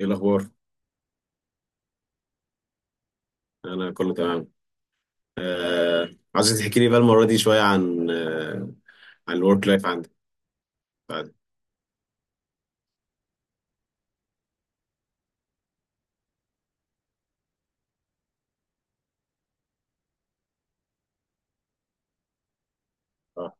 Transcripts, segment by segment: ايه الاخبار؟ انا كله تمام. آه، عايز تحكي لي بقى المره دي شويه عن عن الورك لايف عندك بعد. اه.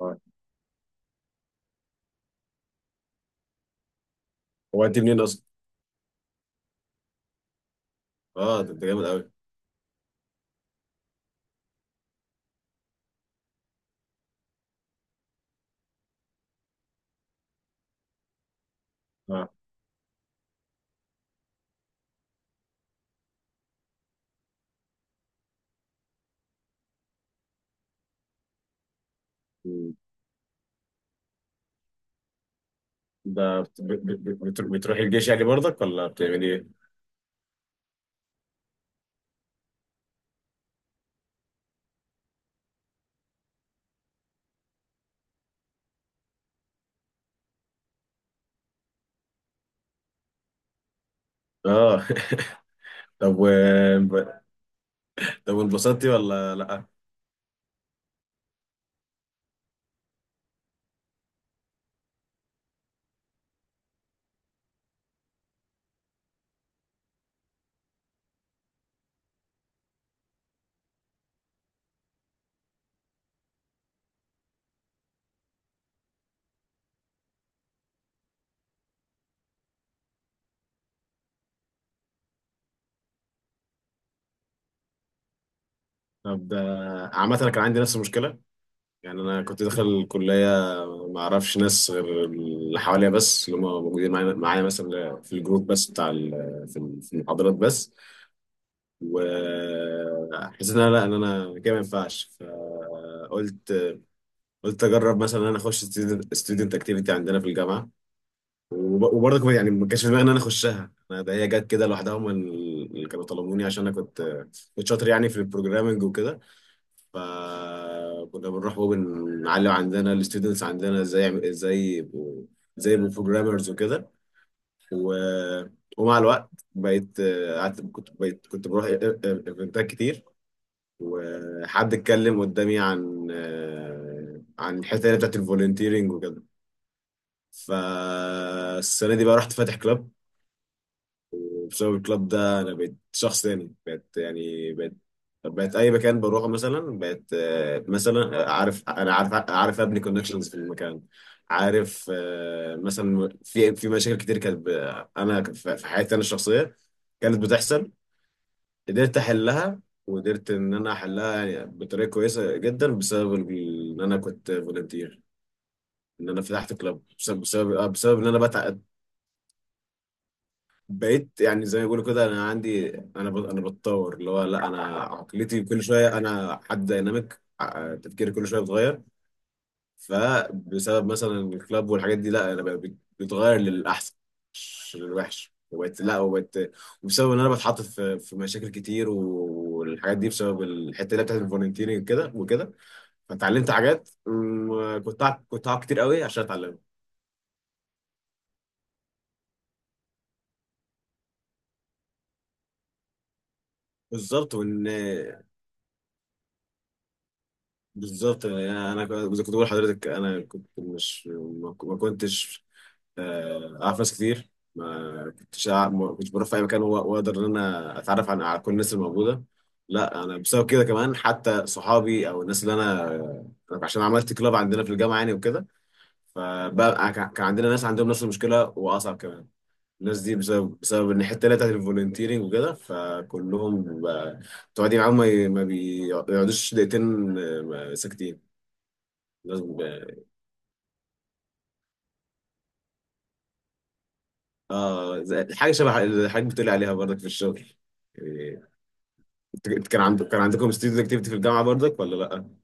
اه، هو انت منين اصلا؟ اه، ده انت جامد قوي. اه. مم. ده بتروحي الجيش يعني برضك ولا بتعملي ايه؟ اه. طب طب وانبسطتي ولا لا؟ طب ده عامه انا كان عندي نفس المشكله. يعني انا كنت داخل الكليه ما اعرفش ناس غير اللي حواليا، بس اللي هم موجودين معايا مثلا في الجروب بس بتاع في المحاضرات بس. وحسيت ان انا لا ان انا كده ما ينفعش، فقلت اجرب مثلا ان انا اخش ستودنت اكتيفيتي عندنا في الجامعه. وبرضه كمان يعني ما كانش في دماغي ان انا اخشها أنا، ده هي جت كده لوحدها، هم اللي كانوا طلبوني عشان انا كنت شاطر يعني في البروجرامنج وكده. فكنا بنروح وبنعلم عندنا الستودنتس عندنا ازاي يبقوا بروجرامرز وكده. و... ومع الوقت بقيت قعدت كنت بقيت كنت بروح ايفنتات كتير. وحد اتكلم قدامي عن عن الحته اللي بتاعت الفولنتيرنج وكده. فالسنه دي بقى رحت فاتح كلاب، وبسبب الكلاب ده انا بقيت شخص تاني، بقيت يعني بقيت اي مكان بروحه. مثلا بقيت آه، مثلا آه، عارف، انا عارف ابني كونكشنز في المكان. عارف مثلا في مشاكل كتير كانت انا في حياتي انا الشخصيه كانت بتحصل، قدرت احلها. وقدرت ان انا احلها يعني بطريقه كويسه جدا بسبب ان انا كنت فولنتير. ان انا فتحت كلاب بسبب ان انا بقيت يعني زي ما بيقولوا كده انا عندي، انا بتطور، اللي هو لا انا عقليتي كل شويه، انا حد دايناميك، تفكيري كل شويه بيتغير. فبسبب مثلا الكلاب والحاجات دي لا انا بقى بتغير للاحسن مش للوحش، وبقت لا وبقت وبسبب ان انا بتحط في مشاكل كتير والحاجات دي بسبب الحته اللي هي بتاعت الفولنتيرنج كده وكده. فتعلمت حاجات م- كنت أع- كنت أقعد كتير قوي عشان اتعلمها. بالظبط وان بالظبط يعني زي ما كنت بقول لحضرتك انا كنت مش ما ما كنتش آه، اعرف ناس كتير، ما كنتش بروح في اي مكان واقدر ان انا اتعرف على كل الناس الموجوده. لا انا بسبب كده كمان حتى صحابي او الناس اللي انا، أنا عشان عملت كلاب عندنا في الجامعه يعني وكده. فبقى كان عندنا ناس عندهم نفس المشكله واصعب كمان. الناس دي بسبب ان الحته اللي هي بتاعت الفولنتيرنج وكده فكلهم تقعدي معاهم ما بيقعدوش دقيقتين ساكتين. لازم ب- اه، حاجه شبه الحاجات اللي حضرتك بتقولي عليها برضك في الشغل يعني. انت كان عندك كان عندكم ستودنت اكتيفيتي في الجامعه برضك ولا لا؟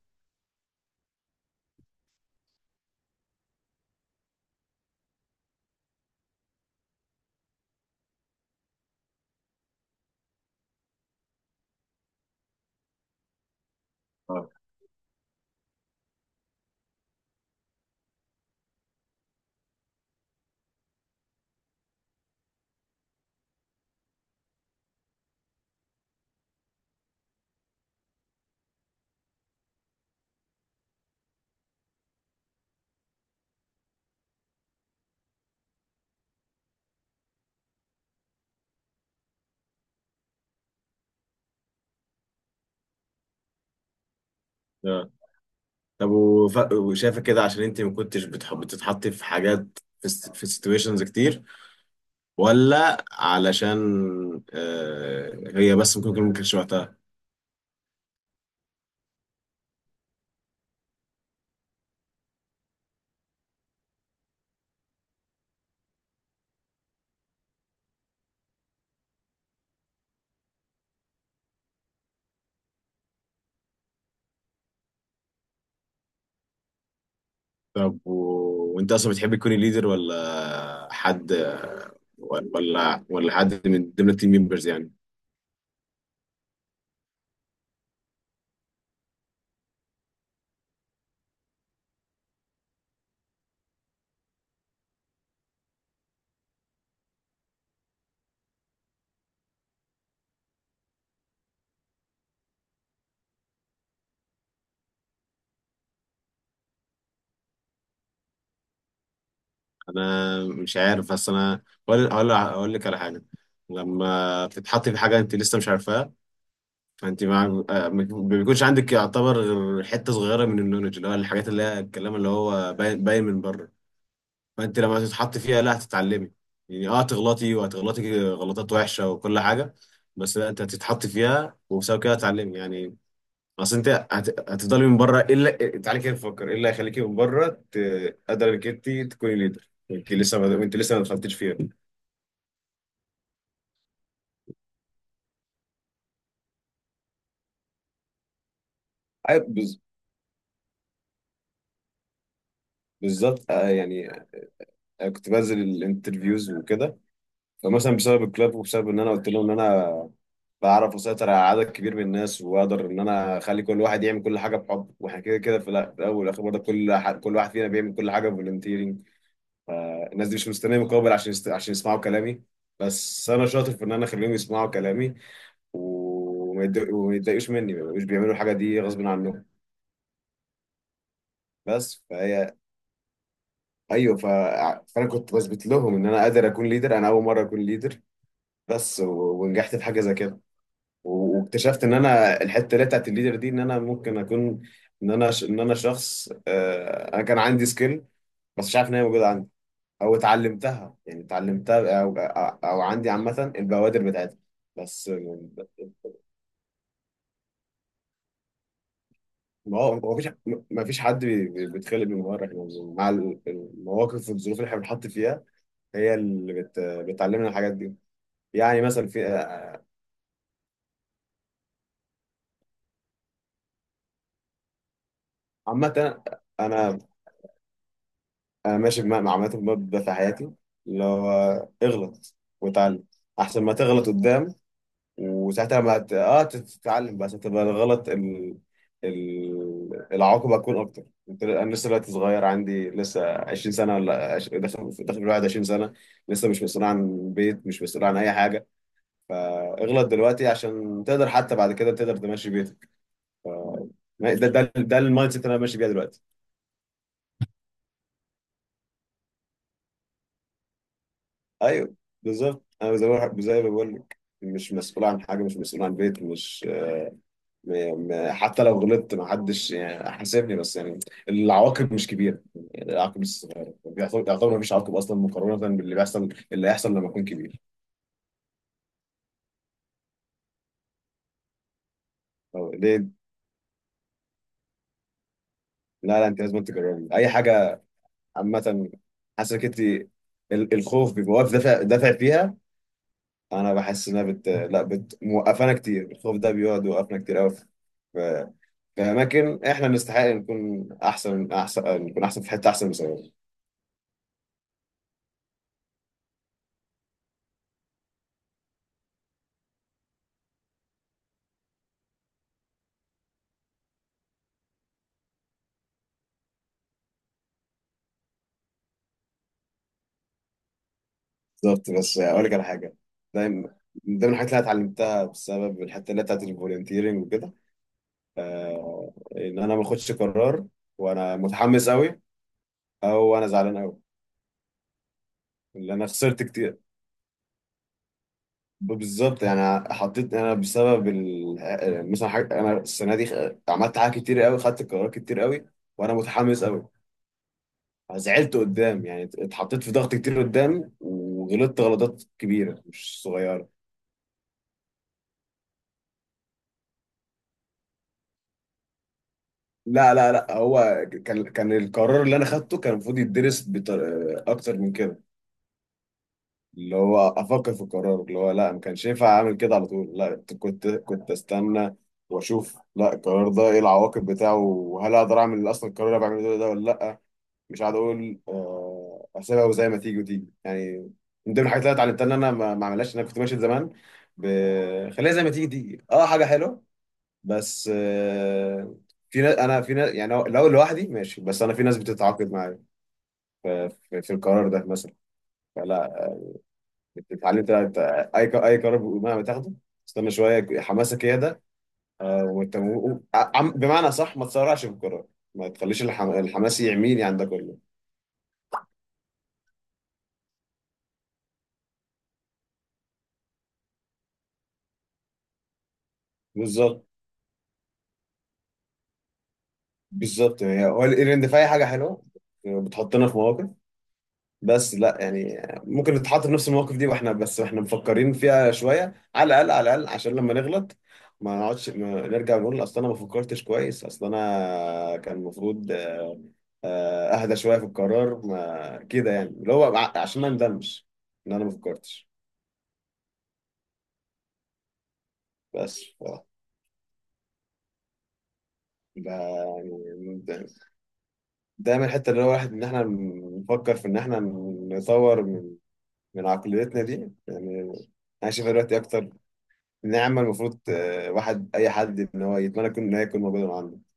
اه. اه، طب وشايفه كده عشان انت ما كنتش بتحب بتتحطي في حاجات في في سيتويشنز كتير ولا علشان هي بس ممكن يكون ما كانش وقتها؟ طب وانت اصلا بتحب تكوني ليدر ولا حد، ولا حد من ضمن التيم ممبرز يعني؟ انا مش عارف، بس انا هقول لك على حاجه. لما تتحطي في حاجه انت لسه مش عارفاها، فانت ما بيكونش عندك يعتبر غير حته صغيره من النولج، اللي هو الحاجات اللي هي الكلام اللي هو باين من بره. فانت لما تتحط فيها لا هتتعلمي يعني. اه هتغلطي وهتغلطي غلطات وحشه وكل حاجه، بس لا انت هتتحط فيها وبسبب كده هتتعلمي يعني. اصل انت هتفضلي من بره ايه اللي، تعالي كده نفكر ايه اللي هيخليكي من بره قادره انك انت تكوني ليدر، انت لسه ما انت لسه ما دخلتيش فيها. أي- بز- بالظبط يعني كنت بنزل الانترفيوز وكده. فمثلا بسبب الكلاب وبسبب ان انا قلت لهم ان انا بعرف اسيطر على عدد كبير من الناس واقدر ان انا اخلي كل واحد يعمل كل حاجه بحب، واحنا كده كده في في الاول والاخر برضه كل كل واحد فينا بيعمل كل حاجه فولنتيرنج. الناس دي مش مستنيه مقابل عشان عشان يسمعوا كلامي، بس انا شاطر في ان انا اخليهم يسمعوا كلامي وما يتضايقوش مني، ما يبقوش بيعملوا الحاجه دي غصب عنهم. بس فهي ايوه ف... فانا كنت بثبت لهم ان انا قادر اكون ليدر، انا اول مره اكون ليدر، ونجحت في حاجه زي كده. واكتشفت ان انا الحته اللي بتاعت الليدر دي ان انا ممكن اكون، ان انا شخص انا كان عندي سكيل بس مش عارف ان هي موجوده عندي، او اتعلمتها يعني اتعلمتها او او عندي عامه البوادر بتاعتها. بس ما هو ما فيش ما فيش حد بيتخلق من مره، احنا مع المواقف والظروف اللي احنا بنحط فيها هي اللي بتعلمنا الحاجات دي. يعني مثلا في عامه، انا انا ماشي بمبدأ، عامه بمبدأ في حياتي اللي هو اغلط واتعلم احسن ما تغلط قدام. وساعتها ما ت... اه تتعلم بس هتبقى العواقب هتكون اكتر. انا لسه دلوقتي صغير، عندي لسه 20 سنه، ولا عش... داخل داخل الواحد 20 سنه، لسه مش مسؤول عن بيت، مش مسؤول عن اي حاجه. فاغلط دلوقتي عشان تقدر حتى بعد كده تقدر تمشي بيتك. ده المايند سيت اللي انا ماشي بيها دلوقتي. ايوه بالظبط، انا زي ما بقول لك مش مسؤول عن حاجه، مش مسؤول عن بيت، مش م... م... حتى لو غلطت ما حدش يعني حاسبني. بس يعني العواقب مش كبيره، يعني العواقب مش صغيره، يعتبر يعتبر ما فيش عواقب اصلا مقارنه باللي بيحصل اللي هيحصل لما اكون كبير. أو ليه؟ لا لا، انت لازم تجربي اي حاجه. عامه حاسسك انت الخوف بيبقى واقف دافع فيها. انا بحس انها بت لا بت موقفانا كتير، الخوف ده بيقعد يوقفنا كتير قوي في اماكن احنا نستحق نكون احسن، نكون احسن في حته احسن من زمان. بالظبط، بس اقول لك على حاجه. دايما من من ضمن الحاجات اللي أنا اتعلمتها بسبب الحته اللي بتاعت الفولنتيرنج وكده، ان انا ما اخدش قرار وانا متحمس قوي او انا زعلان قوي، لان انا خسرت كتير. بالظبط، يعني حطيت انا بسبب مثلا حاجة، انا السنه دي عملت حاجات كتير قوي، خدت قرارات كتير قوي وانا متحمس قوي. زعلت قدام يعني، اتحطيت في ضغط كتير قدام وغلطت غلطات كبيرة مش صغيرة. لا لا لا، هو كان القرار اللي انا خدته كان المفروض اكتر من كده. اللي هو افكر في القرار، اللي هو لا ما كانش ينفع اعمل كده على طول، لا كنت استنى واشوف لا القرار ده ايه العواقب بتاعه، وهل اقدر اعمل اصلا القرار اللي أنا بعمله ده ولا لا. مش قاعد اقول اسيبها وزي ما تيجي وتيجي يعني. من ضمن الحاجات اللي انا اتعلمتها ان انا ما اعملهاش، ان انا كنت ماشي زمان ب... خليها زي ما تيجي تيجي، اه حاجه حلوه بس في ناس، في ناس يعني لو لو لوحدي ماشي، بس انا في ناس بتتعاقد معايا في, في, في القرار ده مثلا. فلا اتعلمت لا، انت اي اي قرار مهما تاخده استنى شويه حماسك، هي ده. وانت بمعنى صح ما تسرعش في القرار، ما تخليش الحماس يعميني عندك كله. بالظبط بالظبط هي هو الايفنت في اي حاجه حلوه بتحطنا في مواقف، بس لا يعني ممكن نتحط في نفس المواقف دي واحنا بس واحنا مفكرين فيها شويه، على الاقل عشان لما نغلط ما نقعدش ما نرجع نقول اصل انا ما فكرتش كويس، اصل انا كان المفروض اهدى شويه في القرار ما كده يعني. اللي هو عشان ما ندمش ان انا ما فكرتش. بس ف... ده يعني ده- دايما الحته اللي هو الواحد ان احنا نفكر في ان احنا نطور من عقليتنا دي يعني، انا شايفها دلوقتي اكتر نعمه. المفروض آه، واحد اي حد ان هو يتمنى يكون ان هي تكون موجوده معانا.